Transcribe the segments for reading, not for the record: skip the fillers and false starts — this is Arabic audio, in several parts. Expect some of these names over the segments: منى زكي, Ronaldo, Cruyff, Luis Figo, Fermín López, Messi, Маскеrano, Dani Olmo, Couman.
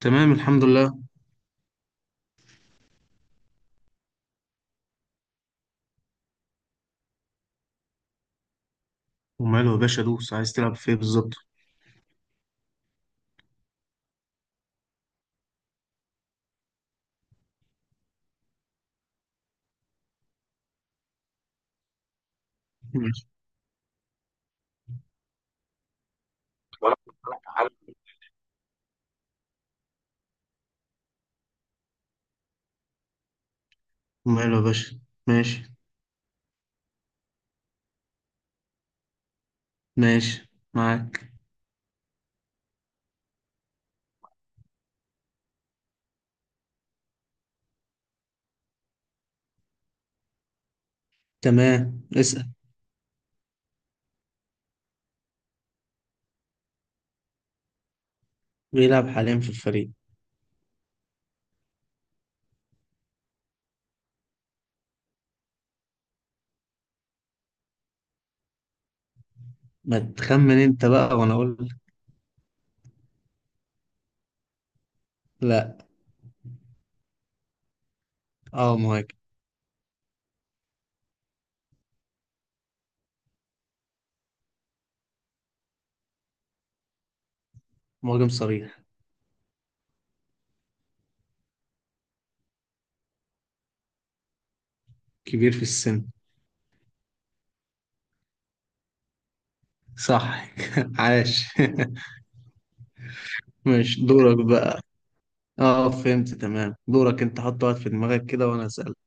تمام، الحمد لله. وماله يا باشا دوس، عايز تلعب في ايه بالظبط؟ ماشي. ولا. حل. وماله يا باشا. ماشي. ماشي معاك. تمام، اسأل. بيلعب حاليا في الفريق. ما تخمن انت بقى وانا اقول لك. لا. اه، مهاجم. مهاجم صريح. كبير في السن. صح. عاش. ماشي، دورك بقى. اه، فهمت تمام. دورك انت، حط واحد في دماغك كده وانا اسألك.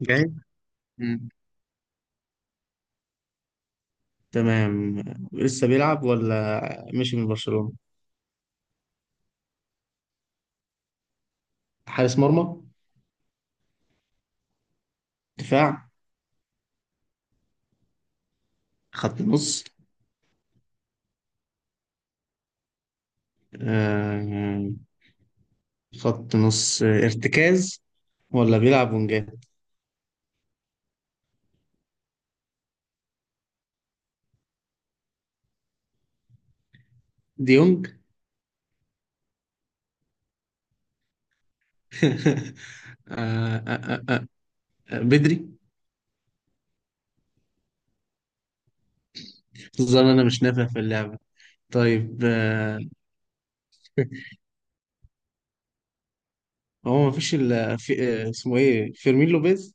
جاي. مم. تمام. لسه بيلعب ولا مشي من برشلونة؟ حارس مرمى. دفاع. خط نص. آه. خط نص، ارتكاز. ولا بيلعب ونجات؟ ديونج آه آه آه آه بدري. ظن انا مش نافع في اللعبة. طيب هو مفيش الا في. اسمه ايه؟ فيرمين لوبيز.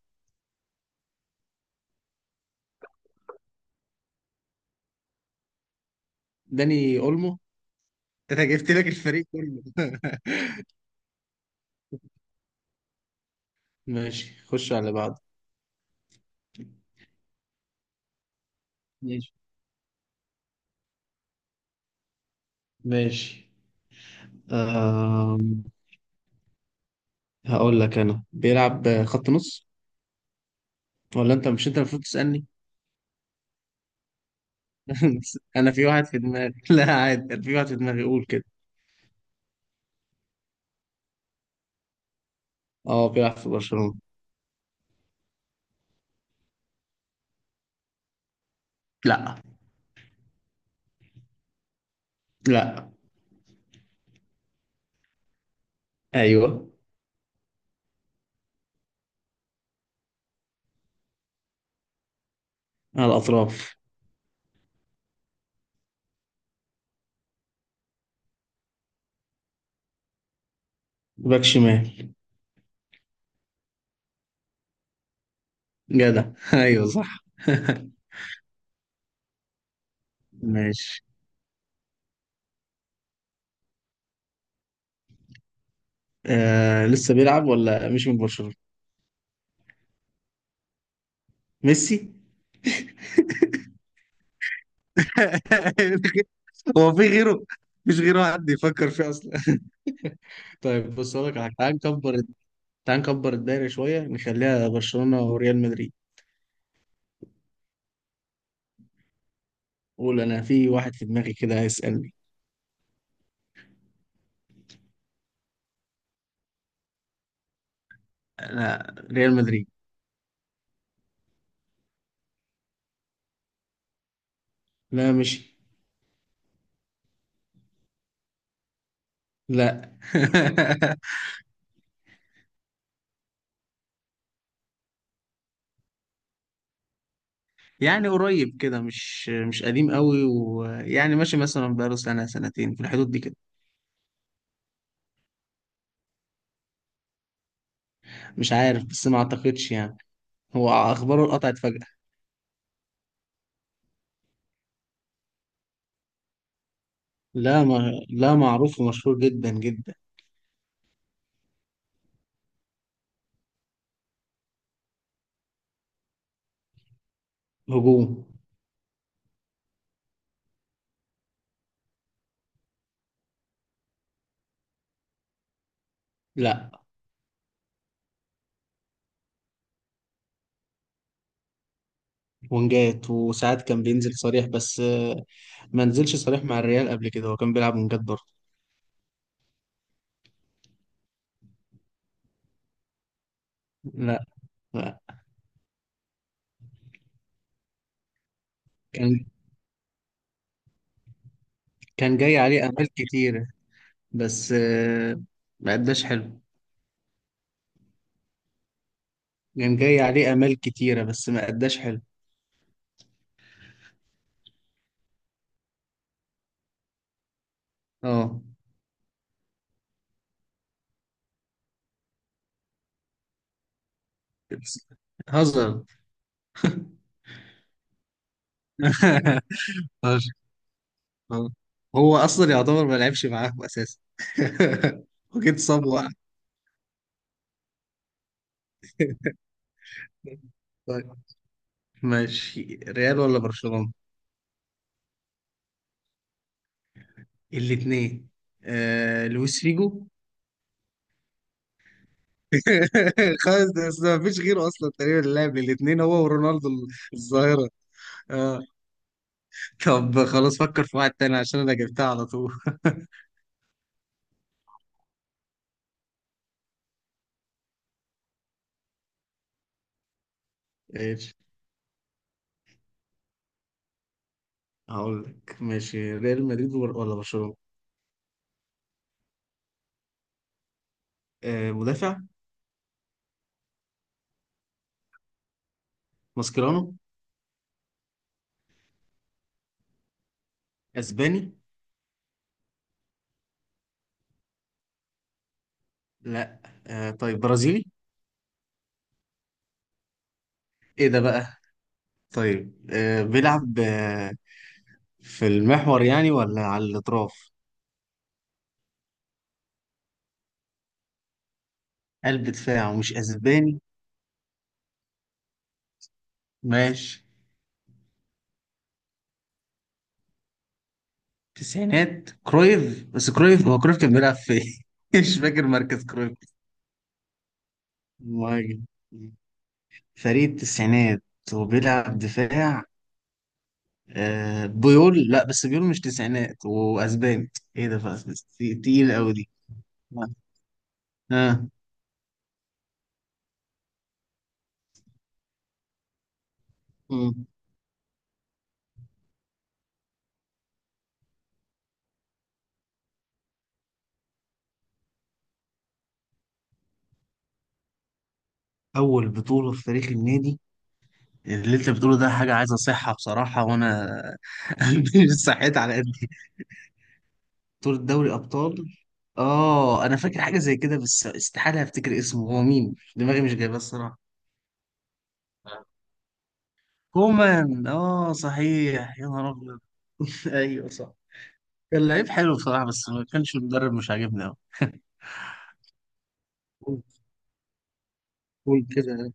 داني اولمو. انا جبت لك الفريق كله ماشي، خش على بعض. ماشي ماشي. آه هقول لك انا بيلعب خط نص. ولا انت؟ مش انت المفروض تسألني؟ انا في واحد في دماغي. لا عادي، أنا في واحد في دماغي، قول كده. اه، بيلعب في برشلونة. لا. لا. ايوه. على الاطراف. باك شمال. جدع ايوه صح ماشي. لسه بيلعب ولا مش من برشلونة؟ ميسي. هو في غيره. مش غيره حد يفكر فيه اصلا طيب، بص اقول لك على حاجة. تعال نكبر. تعال نكبر الدايرة شوية، نخليها برشلونة وريال مدريد. قول انا في واحد في دماغي كده، هيسألني. لا، ريال مدريد. لا، مشي. لا يعني قريب كده، مش قديم قوي، ويعني ماشي مثلا، بقاله سنة سنتين في الحدود دي كده. مش عارف بس ما اعتقدش يعني. هو اخباره اتقطعت فجأة. لا، ما، لا معروف ومشهور جدا جدا. هجوم. لا. ونجات، وساعات كان بينزل صريح بس ما نزلش صريح مع الريال قبل كده. هو كان بيلعب ونجات برضه. لا. لا. كان كان جاي عليه امال كتيرة بس ما اداش حلو. كان جاي عليه امال كتيرة بس ما اداش حلو. اه. بس- هزر. هزر. هو اصلا يعتبر ما لعبش معاهم اساسا وكنت صاب وقع. طيب. ماشي. ريال ولا برشلونة؟ الاثنين. لويس فيجو. خلاص، ده ما فيش غيره اصلا تقريبا، اللاعب الاثنين هو ورونالدو. الظاهرة. اه. طب خلاص، فكر في واحد تاني عشان انا جبتها على طول ايش. هقول لك. ماشي، ريال مدريد ولا برشلونة؟ مدافع. ماسكيرانو. اسباني. لا. طيب، برازيلي؟ ايه ده بقى. طيب، بيلعب في المحور يعني ولا على الاطراف؟ قلب دفاع ومش اسباني؟ ماشي. تسعينات كرويف. بس كرويف، هو كرويف كان بيلعب في مش فاكر مركز كرويف. مهاجم. فريق التسعينات، وبيلعب دفاع. بيول؟ لا بس بيول مش تسعينات واسباني، ايه ده بقى. تقيل قوي دي. ها. آه. آه. أول بطولة في تاريخ النادي. اللي انت بتقوله ده حاجة عايز اصحها بصراحة، وانا قلبي مش صحيت على قدي. بطولة دوري ابطال. اه، انا فاكر حاجة زي كده بس استحالة افتكر اسمه. هو مين؟ دماغي مش جايباه الصراحة. كومان، اه صحيح، يا نهار ابيض. ايوه صح. كان لعيب حلو بصراحة، بس ما كانش، المدرب مش عاجبني قوي. قول. قول كده.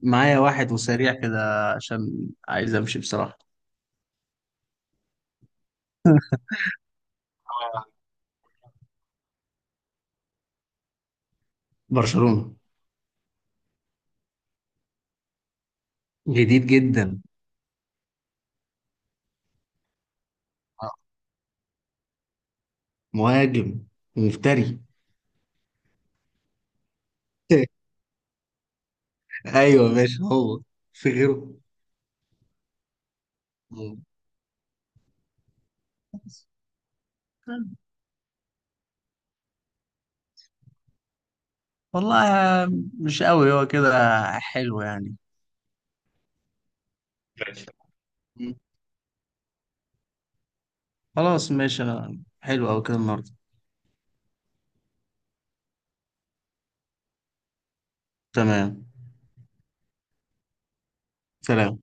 معايا واحد وسريع كده، عشان عايز امشي بصراحة. برشلونة. جديد جدا. مهاجم. ومفتري. ايوه ماشي. هو في غيره. مم. والله مش قوي. هو كده حلو يعني. ماشي. مم. خلاص ماشي. حلو أوي كده النهارده. تمام. سلام.